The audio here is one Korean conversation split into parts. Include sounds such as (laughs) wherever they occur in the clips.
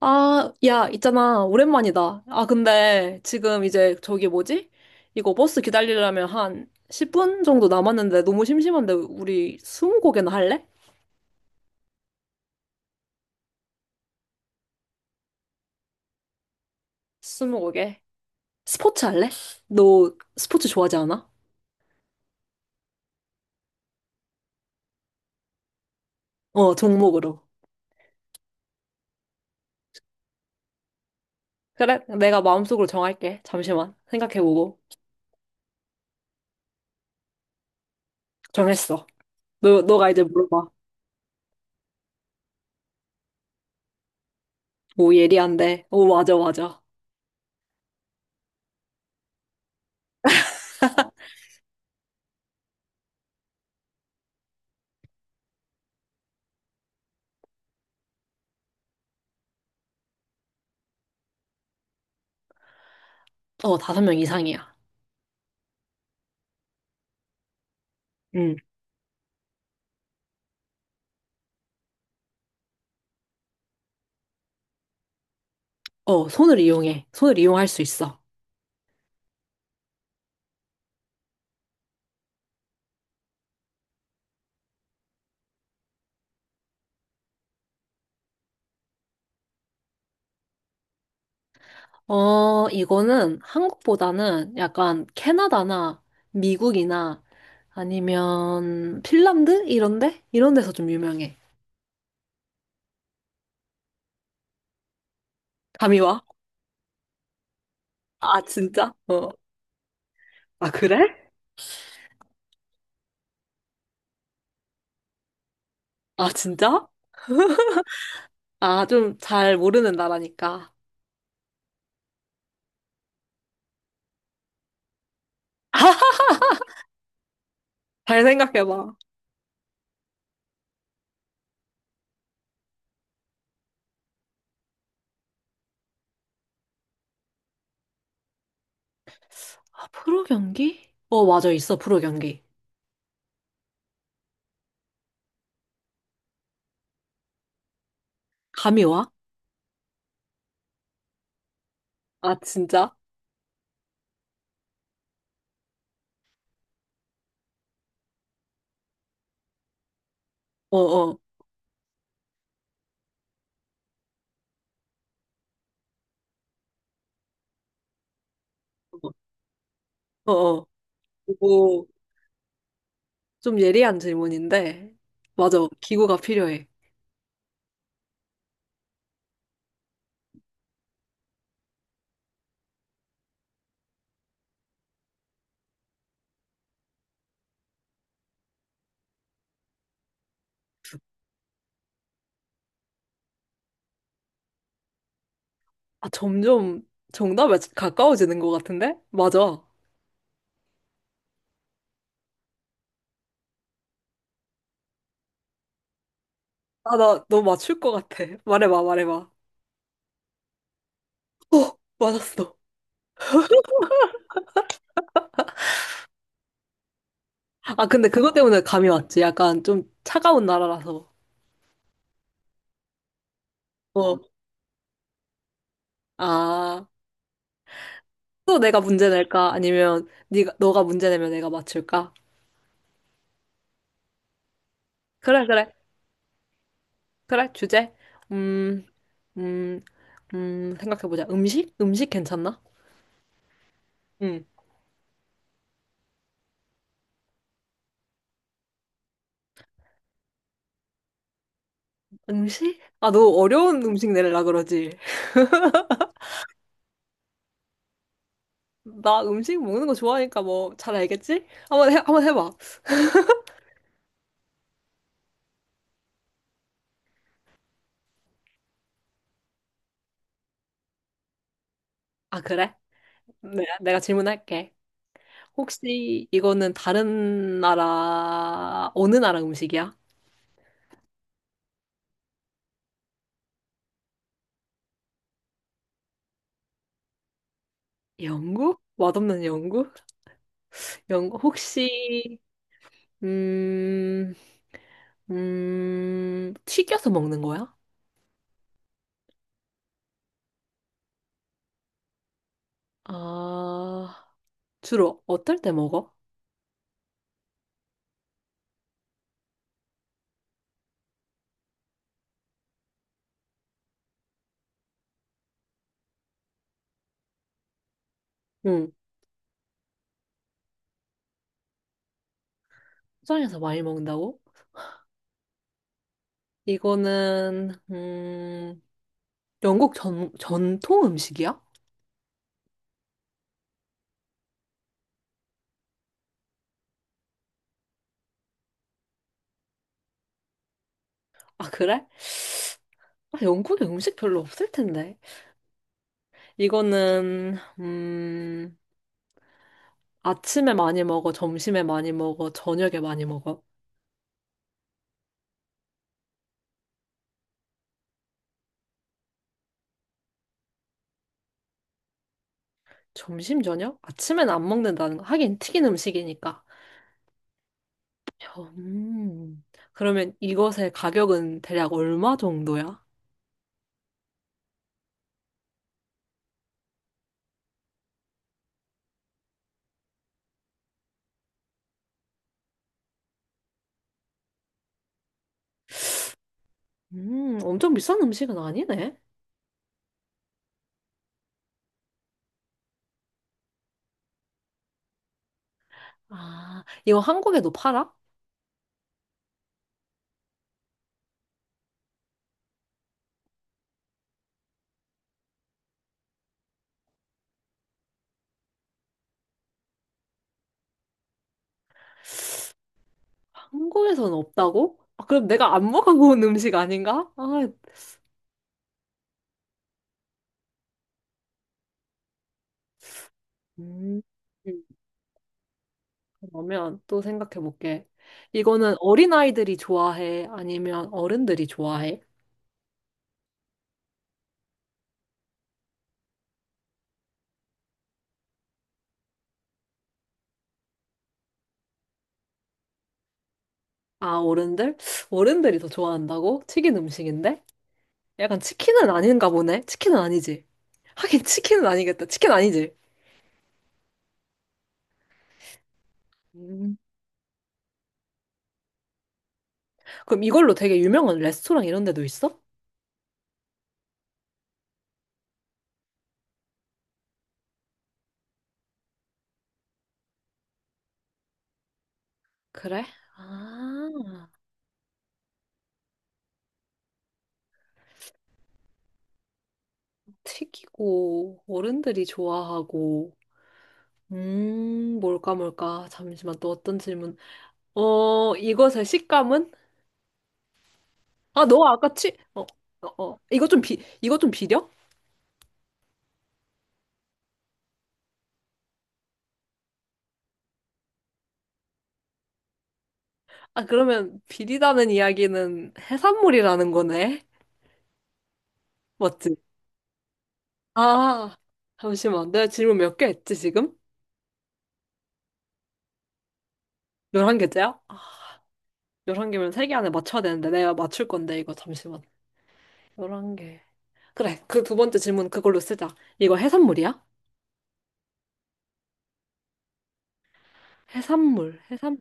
아, 야, 있잖아. 오랜만이다. 아, 근데 지금 이제 저기 뭐지? 이거 버스 기다리려면 한 10분 정도 남았는데 너무 심심한데 우리 스무고개나 할래? 스무고개. 스포츠 할래? 너 스포츠 좋아하지 않아? 어, 종목으로. 그래, 내가 마음속으로 정할게. 잠시만. 생각해보고. 정했어. 너가 이제 물어봐. 오, 예리한데. 오, 맞아, 맞아. 어, 다섯 명 이상이야. 응. 어, 손을 이용해. 손을 이용할 수 있어. 어, 이거는 한국보다는 약간 캐나다나 미국이나 아니면 핀란드? 이런데? 이런 데서 좀 유명해. 감이 와? 아, 진짜? 어. 아, 그래? 아, 진짜? 아, 좀 잘 모르는 나라니까. (laughs) 잘 생각해봐. 아, 프로 경기? 어, 맞아, 있어, 프로 경기. 감이 와? 아, 진짜? 어, 어, 어, 어. 이거 좀 예리한 질문인데, 맞아, 기구가 필요해. 아, 점점 정답에 가까워지는 것 같은데? 맞아. 아, 나 너 맞출 것 같아. 말해봐, 말해봐. 어, 맞았어. 아, 근데 그것 때문에 감이 왔지. 약간 좀 차가운 나라라서. 어. 아, 또 내가 문제 낼까? 아니면 네가 너가 문제 내면 내가 맞출까? 그래, 그래. 그래, 주제. 음, 음, 생각해보자. 음식? 음식 괜찮나? 응. 음식? 아, 너 어려운 음식 내려라 그러지? 나 음식 먹는 거 좋아하니까 뭐 잘 알겠지? 한번 해, 한번 해봐. 아, 그래? 네, 내가 질문할게. 혹시 이거는 다른 나라, 어느 나라 음식이야? 영국? 맛없는 영국? 혹시, 음, 튀겨서 먹는 거야? 아, 주로 어떨 때 먹어? 응, 포장해서 많이 먹는다고? 이거는, 영국 전통 음식이야? 아, 그래? 아, 영국에 음식 별로 없을 텐데. 이거는, 아침에 많이 먹어, 점심에 많이 먹어, 저녁에 많이 먹어. 점심, 저녁? 아침엔 안 먹는다는 거. 하긴 튀긴 음식이니까. 음, 그러면 이것의 가격은 대략 얼마 정도야? 엄청 비싼 음식은 아니네. 아, 이거 한국에도 팔아? 한국에서는 없다고? 아, 그럼 내가 안 먹어본 음식 아닌가? 아, 음. 그러면 또 생각해 볼게. 이거는 어린아이들이 좋아해? 아니면 어른들이 좋아해? 아, 어른들? 어른들이 더 좋아한다고? 튀긴 음식인데? 약간 치킨은 아닌가 보네? 치킨은 아니지. 하긴 치킨은 아니겠다. 치킨 아니지. 음. 그럼 이걸로 되게 유명한 레스토랑 이런 데도 있어? 그래? 아, 튀기고, 어른들이 좋아하고. 뭘까, 뭘까. 잠시만, 또 어떤 질문. 어, 이것의 식감은? 아, 너 아까 치, 어, 어, 어. 이거 좀 비려? 아, 그러면 비리다는 이야기는 해산물이라는 거네? 맞지? 아, 잠시만. 내가 질문 몇 개 했지, 지금? 11개째야? 아, 11개면 3개 안에 맞춰야 되는데, 내가 맞출 건데, 이거 잠시만. 11개. 그래, 그 두 번째 질문 그걸로 쓰자. 이거 해산물이야? 해산물,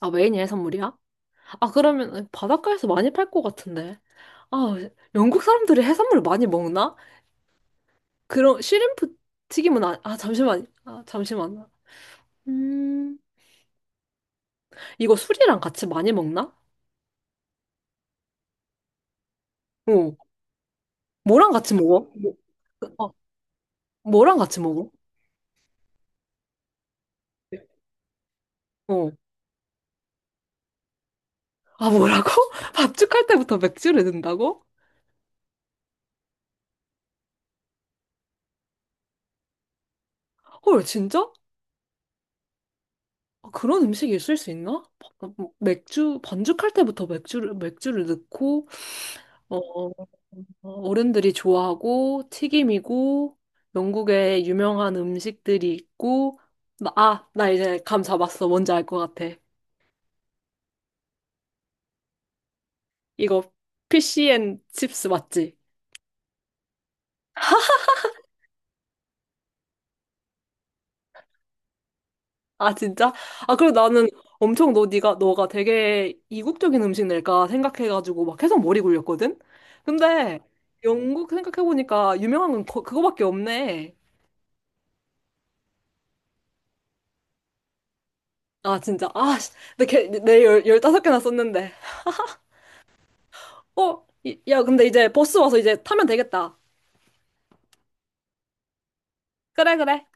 아, 메인이 해산물이야? 아, 그러면 바닷가에서 많이 팔 것 같은데. 아, 영국 사람들이 해산물 많이 먹나? 그런 shrimp 튀김은 아 잠시만. 아, 잠시만. 음, 이거 술이랑 같이 많이 먹나? 어. 뭐랑 같이 먹어? 어, 뭐랑 같이 먹어? 어. 아, 뭐라고? (laughs) 밥죽할 때부터 맥주를 넣는다고? 헐, 진짜? 아, 그런 음식이 있을 수 있나? 맥주, 반죽할 때부터 맥주를 넣고, 어, 어른들이 좋아하고 튀김이고 영국의 유명한 음식들이 있고 아, 나 이제 감 잡았어. 뭔지 알 것 같아. 이거 피시앤 칩스 맞지? 아, 진짜? 아, 그리고 나는 엄청 너 네가 너가 되게 이국적인 음식 낼까 생각해가지고 막 계속 머리 굴렸거든? 근데 영국 생각해보니까 유명한 건 그거밖에 없네. 아, 진짜. 아, 씨. 내, 개- 내 열, 15개나 썼는데. 어? 야, 근데 이제 버스 와서 이제 타면 되겠다. 그래, 그래.